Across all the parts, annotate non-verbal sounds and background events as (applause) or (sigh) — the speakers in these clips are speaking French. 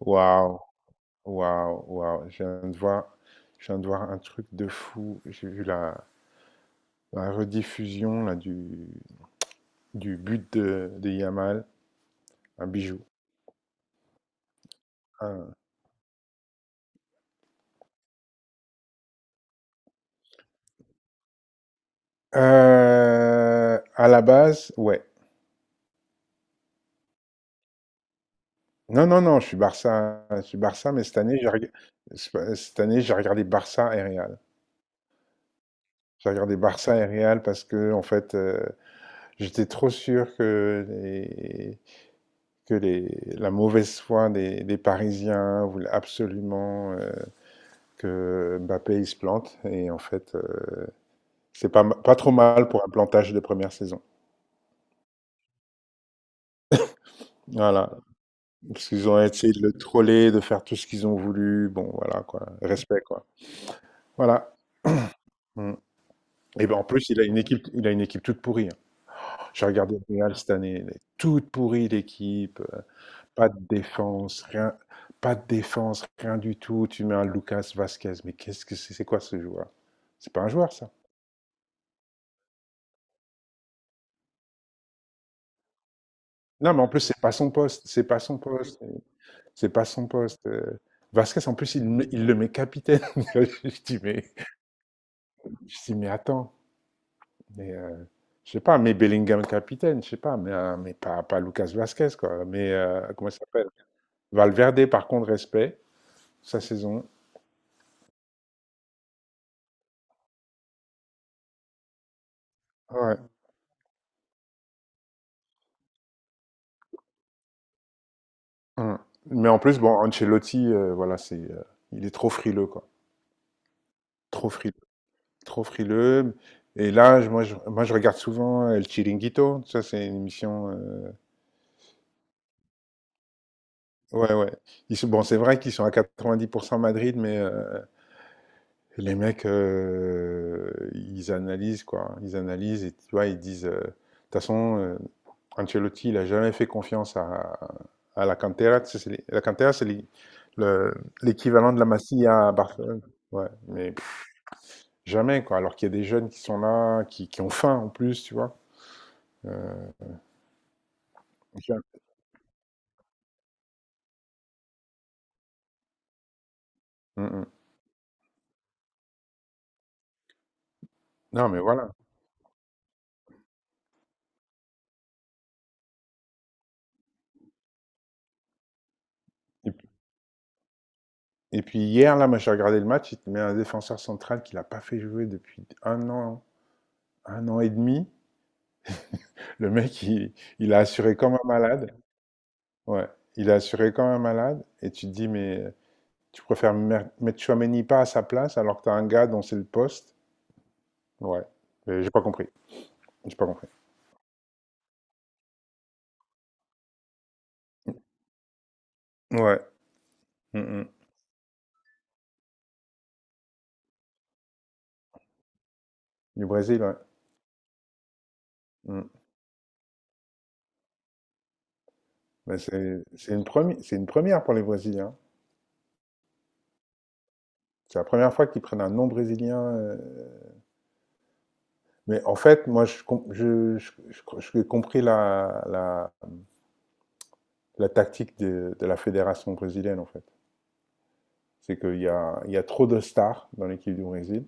Waouh, waouh, waouh. Je viens de voir un truc de fou. J'ai vu la rediffusion là, du but de Yamal, un bijou. Un- à la base, ouais. Non, non, non, je suis Barça, mais cette année, j'ai reg- c'est pas- cette année, j'ai regardé Barça et Real. J'ai regardé Barça et Real parce que, en fait, j'étais trop sûr que que les, la mauvaise foi des Parisiens voulait absolument que Mbappé il se plante et en fait c'est pas ma- pas trop mal pour un plantage de première saison. Voilà, parce qu'ils ont essayé de le troller, de faire tout ce qu'ils ont voulu. Bon voilà quoi, respect quoi. Voilà. Mm. Et ben en plus il a une équipe toute pourrie, hein. J'ai regardé le Real cette année, elle est toute pourrie l'équipe. Pas de défense, rien, pas de défense, rien du tout. Tu mets un Lucas Vasquez, mais qu'est-ce que c'est, quoi ce joueur? C'est pas un joueur ça. Non mais en plus c'est pas son poste, c'est pas son poste. C'est pas son poste. Vasquez, en plus, il le met capitaine. (laughs) je dis, mais, je dis, mais attends. Mais, je sais pas, mais Bellingham capitaine, je sais pas, mais pas Lucas Vasquez, quoi. Mais comment ça s'appelle? Valverde, par contre, respect, sa saison. Ouais. Hum. Mais en plus, bon, Ancelotti, voilà, il est trop frileux, quoi. Trop frileux, trop frileux. Et là, je regarde souvent El Chiringuito. Ça, c'est une émission. Ouais, ouais. Bon, c'est vrai qu'ils sont à 90% Madrid, mais les mecs, ils analysent, quoi. Ils analysent et tu vois, ils disent. De toute façon, Ancelotti, il n'a jamais fait confiance à la Cantera. Tu sais, la Cantera, le- l'équivalent de la Masia à Barcelone. Ouais, mais pff, jamais, quoi. Alors qu'il y a des jeunes qui sont là, qui ont faim en plus, tu vois. Euh, Ja- Mm, mm. Non, mais voilà. Et, puis et puis hier, là, moi, j'ai regardé le match, il te met un défenseur central qu'il n'a pas fait jouer depuis un an et demi. Le mec, il a assuré comme un malade. Ouais, il a assuré comme un malade. Et tu te dis, mais tu préfères mettre Tchouaméni pas à sa place alors que t'as un gars dont c'est le poste. Ouais, mais j'ai pas compris. J'ai pas compris. Ouais. Mm, mm. Du Brésil, ouais. Mm. Mais c'est une première, c'est une première pour les Brésiliens. C'est la première fois qu'ils prennent un nom brésilien. Mais en fait, moi, je, com- je- j'ai compris la tactique de la fédération brésilienne, en fait. C'est qu'il y a trop de stars dans l'équipe du Brésil.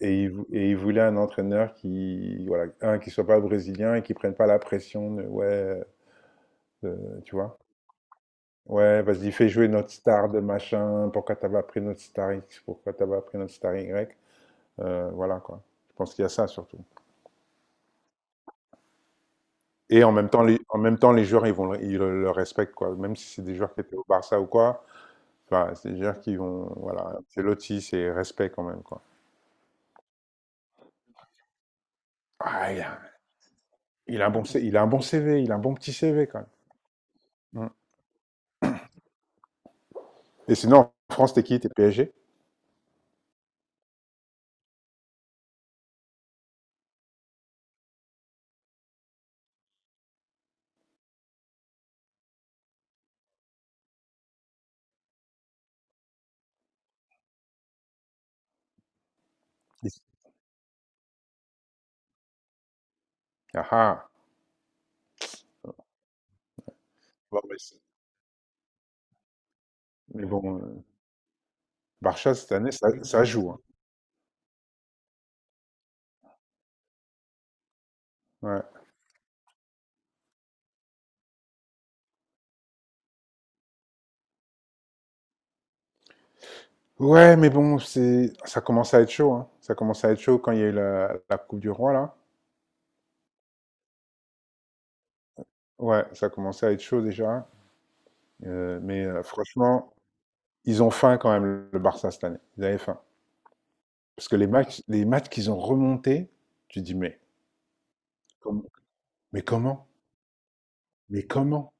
Et il voulait un entraîneur qui, voilà, un, qui soit pas brésilien et qui prenne pas la pression de, ouais, tu vois. Ouais, vas-y, fais jouer notre star de machin. Pourquoi t'as pas pris notre star X? Pourquoi t'as pas pris notre star Y? Voilà, quoi. Je pense qu'il y a ça, surtout. Et en même temps, les joueurs, ils le respectent, quoi. Même si c'est des joueurs qui étaient au Barça ou quoi. Enfin, c'est des joueurs qui vont, voilà. C'est Lotti, c'est respect quand même, quoi. Ah, il y a Il a un bon, C- Il a un bon CV, il a un bon petit CV quand même. Mm. Et sinon, en France, t'es qui? T'es PSG? Ah ah. Bon, mais c'est- mais bon, Barça cette année, ça joue, hein. Ouais. Ouais, mais bon, ça commence à être chaud, hein. Ça commence à être chaud quand il y a eu la Coupe du Roi là. Ouais, ça commençait à être chaud déjà. Mais franchement, ils ont faim quand même le Barça cette année. Ils avaient faim parce que les matchs qu'ils ont remontés, tu dis mais comment, mais comment, mais comment?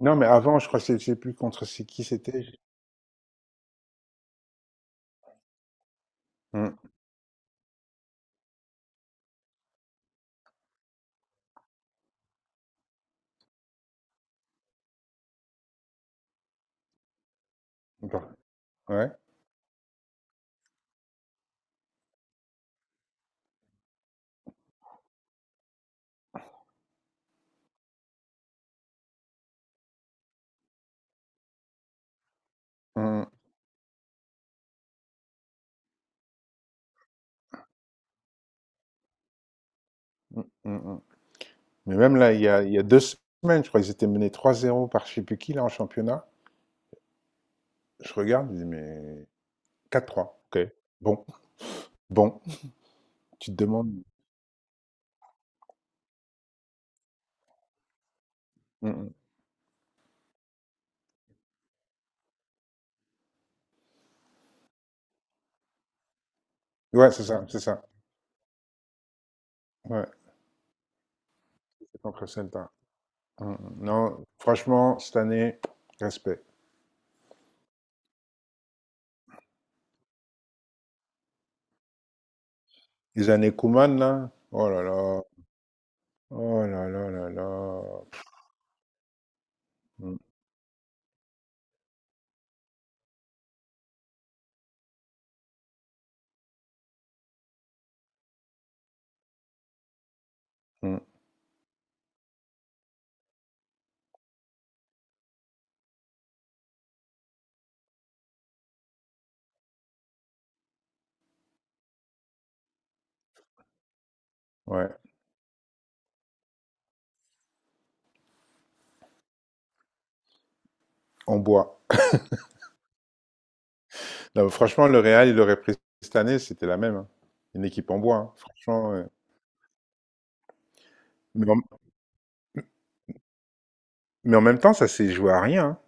Non, mais avant, je crois je sais plus contre c'est qui c'était. Hmm. Bah, ouais. Hmm, hmm, hmm, hmm. Mais même là, il y a 2 semaines, je crois qu'ils étaient menés 3-0 par je sais plus qui là en championnat. Je regarde, je dis mais 4-3. Ok. Bon, bon. Tu te demandes. Hmm, hmm. Ouais, c'est ça, c'est ça. Ouais, c'est contre Celta. Hmm, hmm. Non, franchement, cette année, respect. Les années Koeman là. Oh là là. Oh là là là là. Hmm, hmm. Ouais. On boit. Non, franchement, le Real, il aurait pris cette année, c'était la même, hein. Une équipe en bois, hein. Franchement. Mais en, mais en même temps, ça s'est joué à rien, hein.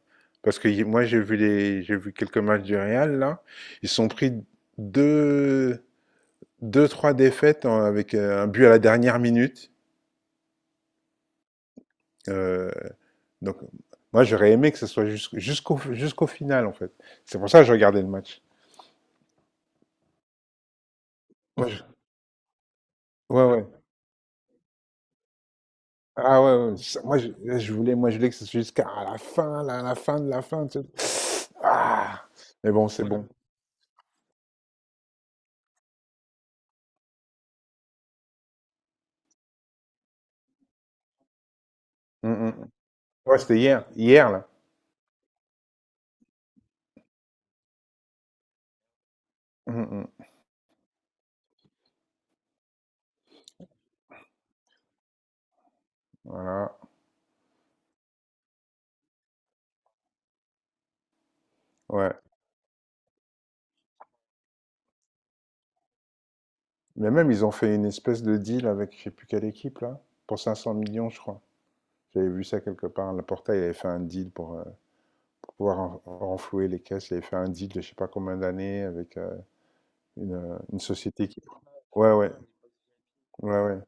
Parce que moi, j'ai vu quelques matchs du Real, là. Ils se sont pris deux, deux, trois défaites avec un but à la dernière minute. Euh, donc, moi, j'aurais aimé que ce soit jusqu'au final, en fait. C'est pour ça que je regardais le match. Moi, je- Ouais, ouais. Ah ouais, ouais, moi je voulais que ce soit jusqu'à la fin, là, la fin de la fin, tu sais. Ah, mais bon, c'est ouais, bon. Mm, mm, mm. Ouais, c'était hier là. Mm, mm. Voilà, ouais. Mais même ils ont fait une espèce de deal avec je sais plus quelle équipe là, pour 500 millions je crois. J'avais vu ça quelque part. Le portail avait fait un deal pour pouvoir renflouer les caisses. Il avait fait un deal de je sais pas combien d'années avec une société qui. Ouais, ouais, ouais, ouais.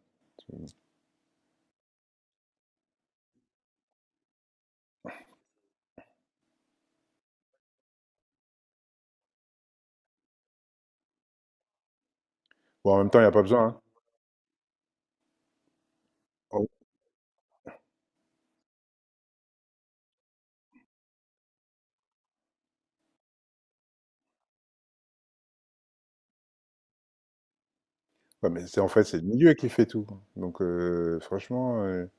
Bon, en même temps, il n'y a pas besoin, hein. Ouais, mais c'est le milieu qui fait tout. Donc, franchement,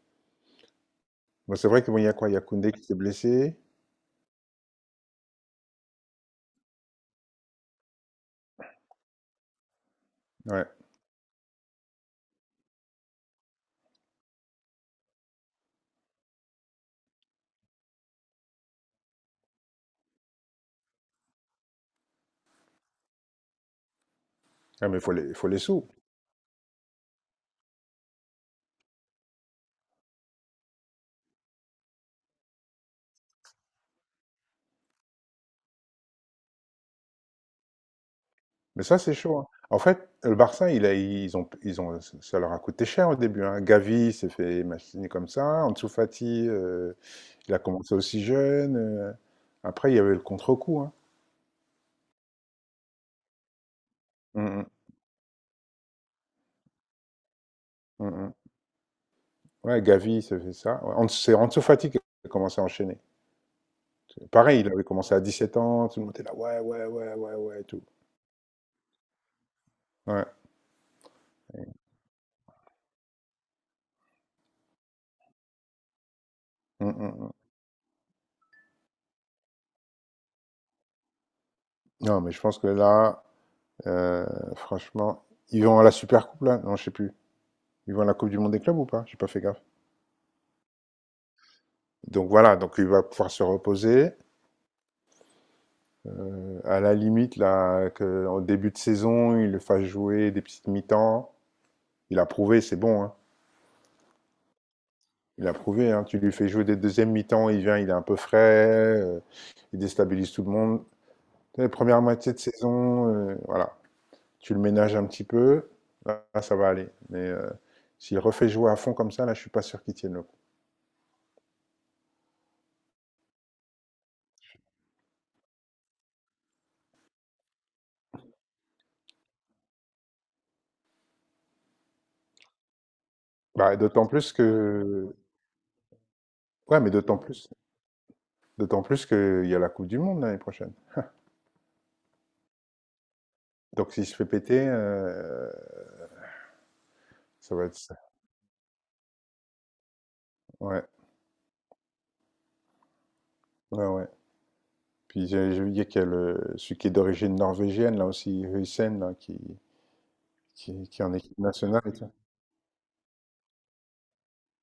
bon, c'est vrai que bon, il y a quoi? Il y a Koundé qui s'est blessé. Ouais. Ah, mais faut les sous. Mais ça, c'est chaud, hein. En fait, le Barça, il a ils ont ça leur a coûté cher au début, hein. Gavi, s'est fait machiner comme ça. Ansu Fati, il a commencé aussi jeune, après, il y avait le contre-coup, hein. Mmh mh. Mmh mh. Ouais, Gavi, s'est fait ça. Ouais, Ans c'est Ansu Fati qui a commencé à enchaîner. Pareil, il avait commencé à 17 ans, tout le monde était là: «Ouais, ouais, ouais, ouais, ouais» et tout. Ouais. Mmh mh. Non, mais je pense que là, heu, franchement, ils vont à la Super Coupe là? Non, je sais plus. Ils vont à la Coupe du monde des clubs ou pas? J'ai pas fait gaffe. Donc voilà, donc il va pouvoir se reposer. À la limite là, qu'en début de saison, il le fasse jouer des petites mi-temps. Il a prouvé, c'est bon, hein. Il a prouvé, hein. Tu lui fais jouer des 2 mi-temps, il vient, il est un peu frais, il déstabilise tout le monde. Tu première moitié de saison, voilà, tu le ménages un petit peu, là, ça va aller. Mais, s'il refait jouer à fond comme ça, là, je suis pas sûr qu'il tienne le... Bah, d'autant plus que. Ouais, mais d'autant plus. D'autant plus qu'il y a la Coupe du Monde l'année prochaine. Donc, s'il se fait péter, ça va être ça. Ouais, ouais, ouais. Puis, j'ai oublié qu'il y a le... celui qui est d'origine norvégienne, là aussi, Huijsen, là, qui... qui est en équipe nationale et tout.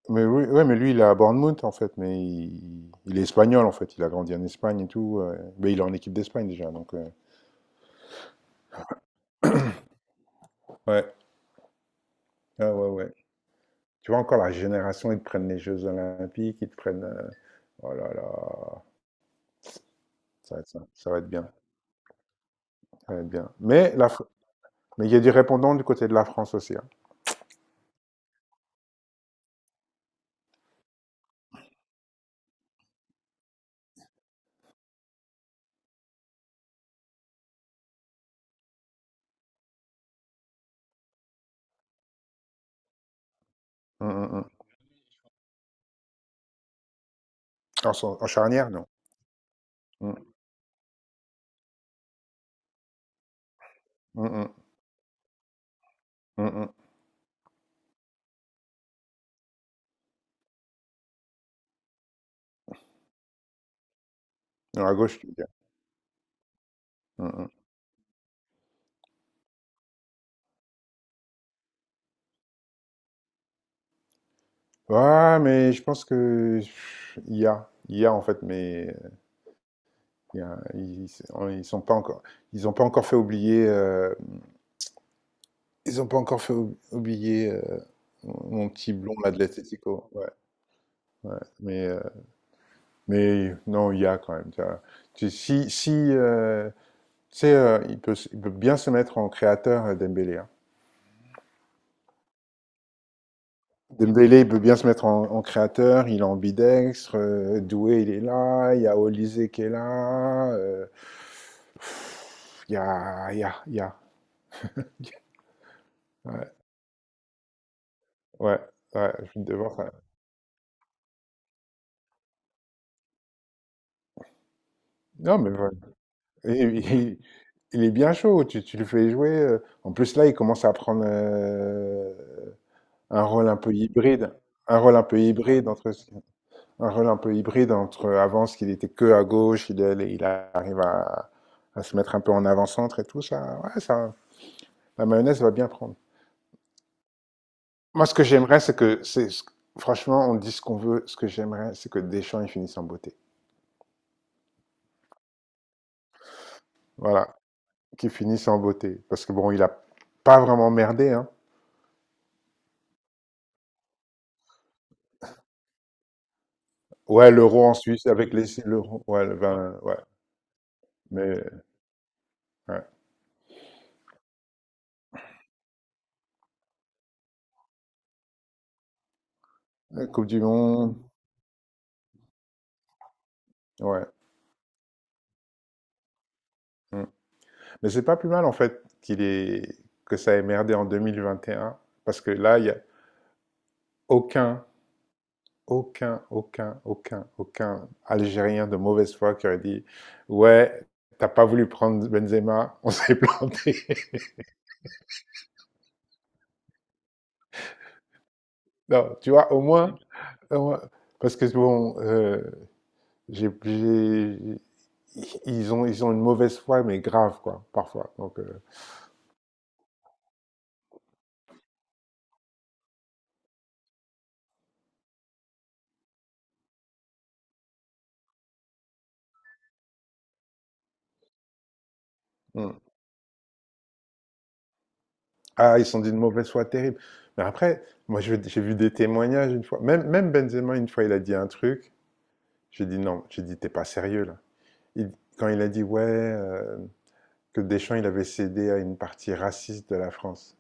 Mais oui, ouais, mais lui, il est à Bournemouth, en fait. Mais il est espagnol, en fait. Il a grandi en Espagne et tout. Mais il est en équipe d'Espagne déjà. Donc, ouais. Ah, ouais, ouais. Tu vois, encore la génération, ils te prennent les Jeux Olympiques, ils te prennent. Oh là là. Ça va être ça. Ça va être bien. Ça va être bien. Mais il y a du répondant du côté de la France aussi, hein. Mm, mm, mm. En charnière, non. Mm, mm, mm, mm, mm. Non, à gauche, tu veux dire. Mm, mm. Ouais, mais je pense que pff, il y a. Il y a en fait, mais il y a- ils, on- ils sont pas encore, ils ont pas encore fait oublier, euh, ils ont pas encore fait oublier mon petit blond là de l'Atlético. Ouais, ouais. Mais non, il y a quand même, tu vois. Tu- si si C'est, il peut bien se mettre en créateur, Dembélé, hein. Dembélé, il peut bien se mettre en, en créateur, il est ambidextre, Doué, il est là, il y a Olysée qui est là, il y a, il y a, il y a. Ouais, ouais, ouais, je viens de voir ça. Non, mais voilà. Et- il, il est bien chaud, tu le fais jouer. En plus, là, il commence à prendre un rôle un peu hybride, un rôle un peu hybride. Un rôle un peu hybride entre avant, ce qu'il était que à gauche, il arrive à se mettre un peu en avant-centre et tout ça. Ouais, ça, la mayonnaise va bien prendre. Moi, ce que j'aimerais, c'est, franchement, on dit ce qu'on veut. Ce que j'aimerais, c'est que Deschamps, il finisse en beauté. Voilà, qu'il finisse en beauté. Parce que bon, il a pas vraiment merdé, hein. Ouais, l'euro en Suisse avec l'euro, ouais, le 20, ouais. Mais, ouais. La Coupe du Monde, ouais. Mm. Mais c'est pas plus mal en fait qu'il est que ça ait merdé en 2021, parce que là il y a aucun aucun Algérien de mauvaise foi qui aurait dit ouais, t'as pas voulu prendre Benzema, on s'est planté. (laughs) Non, tu vois, au moins- parce que bon j'ai j'ai- ils ont une mauvaise foi mais grave quoi parfois, hmm. Ah, ils sont d'une mauvaise foi terrible. Mais après, moi, j'ai vu des témoignages une fois. Même, même Benzema, une fois, il a dit un truc. J'ai dit non. J'ai dit, t'es pas sérieux, là. Il- quand il a dit, ouais, que Deschamps, il avait cédé à une partie raciste de la France.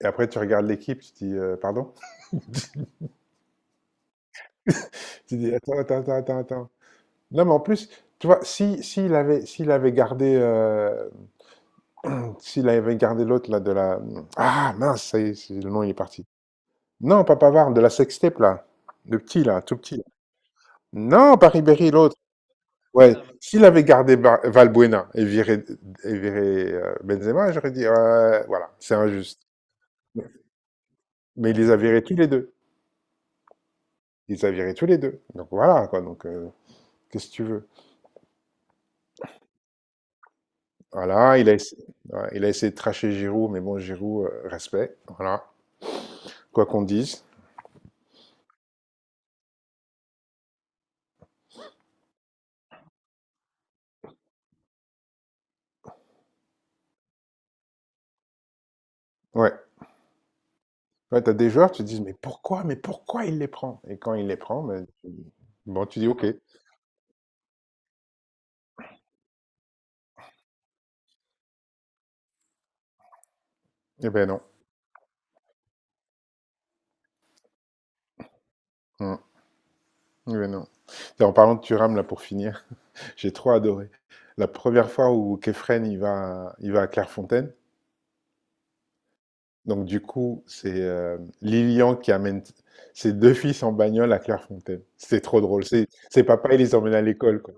Et après, tu regardes l'équipe, tu dis, pardon? Tu dis, attends, attends, attends, attends, attends. Non, mais en plus, tu vois, si, s'il avait gardé l'autre, là, de la. Ah, mince, ça y est, le nom, il est parti. Non, pas Pavard, de la sextape, là. Le petit, là, tout petit. Non, pas Ribéry, l'autre. Ouais. Ah, s'il Valbuena et viré, Benzema, j'aurais dit, voilà, c'est injuste. Mais il les a virés tous les deux. Il les a virés tous les deux. Donc voilà, quoi. Qu'est-ce que tu veux? Voilà, il a essayé, ouais, il a essayé de tracher Giroud, mais bon, Giroud, respect. Voilà. Quoi qu'on dise. Ouais. Ouais, t'as des joueurs, tu te dis, mais pourquoi il les prend? Et quand il les prend, ben, bon, tu dis, ok. Eh ben non. Hum. Eh ben non. Tiens, en parlant de Thuram, là, pour finir. J'ai trop adoré. La première fois où Kefren il va à Clairefontaine, donc du coup, c'est Lilian qui amène ses deux fils en bagnole à Clairefontaine. C'était trop drôle. C'est papa, il les emmène à l'école, quoi.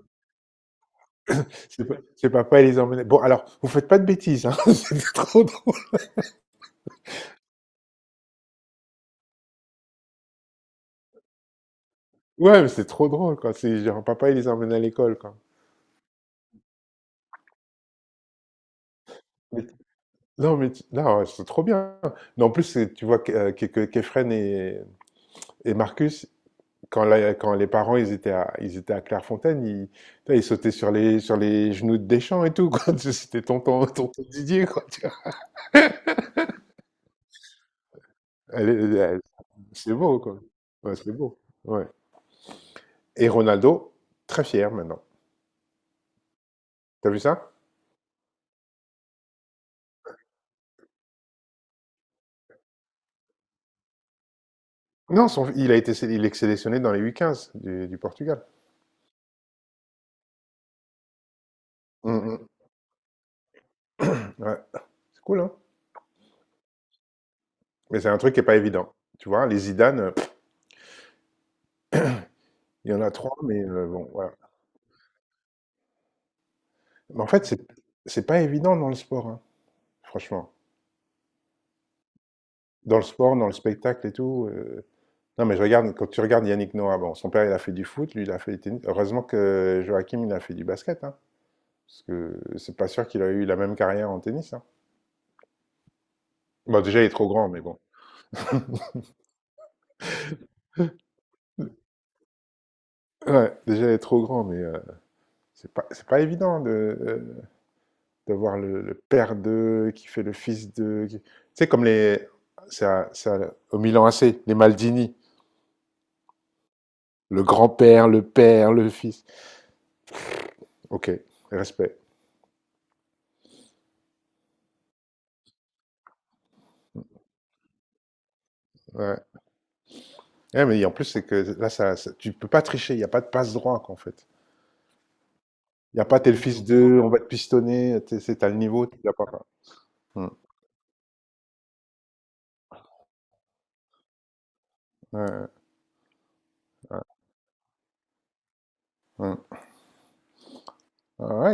C'est papa, il les emmène. Bon, alors, vous faites pas de bêtises. Hein. (laughs) C'était trop drôle. Ouais, mais c'est trop drôle, quoi. C'est genre papa, il les emmène à l'école, quoi. Mais- non, non, ouais, c'est trop bien. Non, en plus, tu vois que, que Kefren et Marcus, quand les parents ils étaient à Clairefontaine, ils, putain, ils sautaient sur sur les genoux de Deschamps et tout, quoi. (laughs) C'était tonton, tonton Didier, quoi, tu vois. Elle est- elle- C'est beau, quoi. Ouais, c'est beau. Ouais. Et Ronaldo, très fier maintenant. T'as vu ça? Non, il a été, sé- il est sélectionné dans les U15 du Portugal. Mm, mm. Ouais. C'est cool, hein? Mais c'est un truc qui est pas évident. Tu vois, les Zidane, il y en a trois, mais bon, voilà. Mais en fait, c'est pas évident dans le sport, hein, franchement. Dans le sport, dans le spectacle et tout. Non, mais je regarde, quand tu regardes Yannick Noah, bon, son père, il a fait du foot, lui, il a fait du tennis. Heureusement que Joachim, il a fait du basket, hein, parce que c'est pas sûr qu'il a eu la même carrière en tennis, hein. Bon, déjà, il est trop grand, mais bon. Ouais, déjà, il est trop grand, mais c'est pas évident de, d'avoir le père de, qui fait le fils de. Tu sais, comme les. Au Milan AC, les Maldini. Le grand-père, le père, le fils. Ok, respect. Ouais. Ouais, mais en plus, c'est que là, tu peux pas tricher, il n'y a pas de passe-droit, quoi, en fait. Il n'y a pas t'es le fils de, on va te pistonner, c'est à le niveau, t'es a pas. Mm. Ouais, ouais, ouais. Ouais, ouais.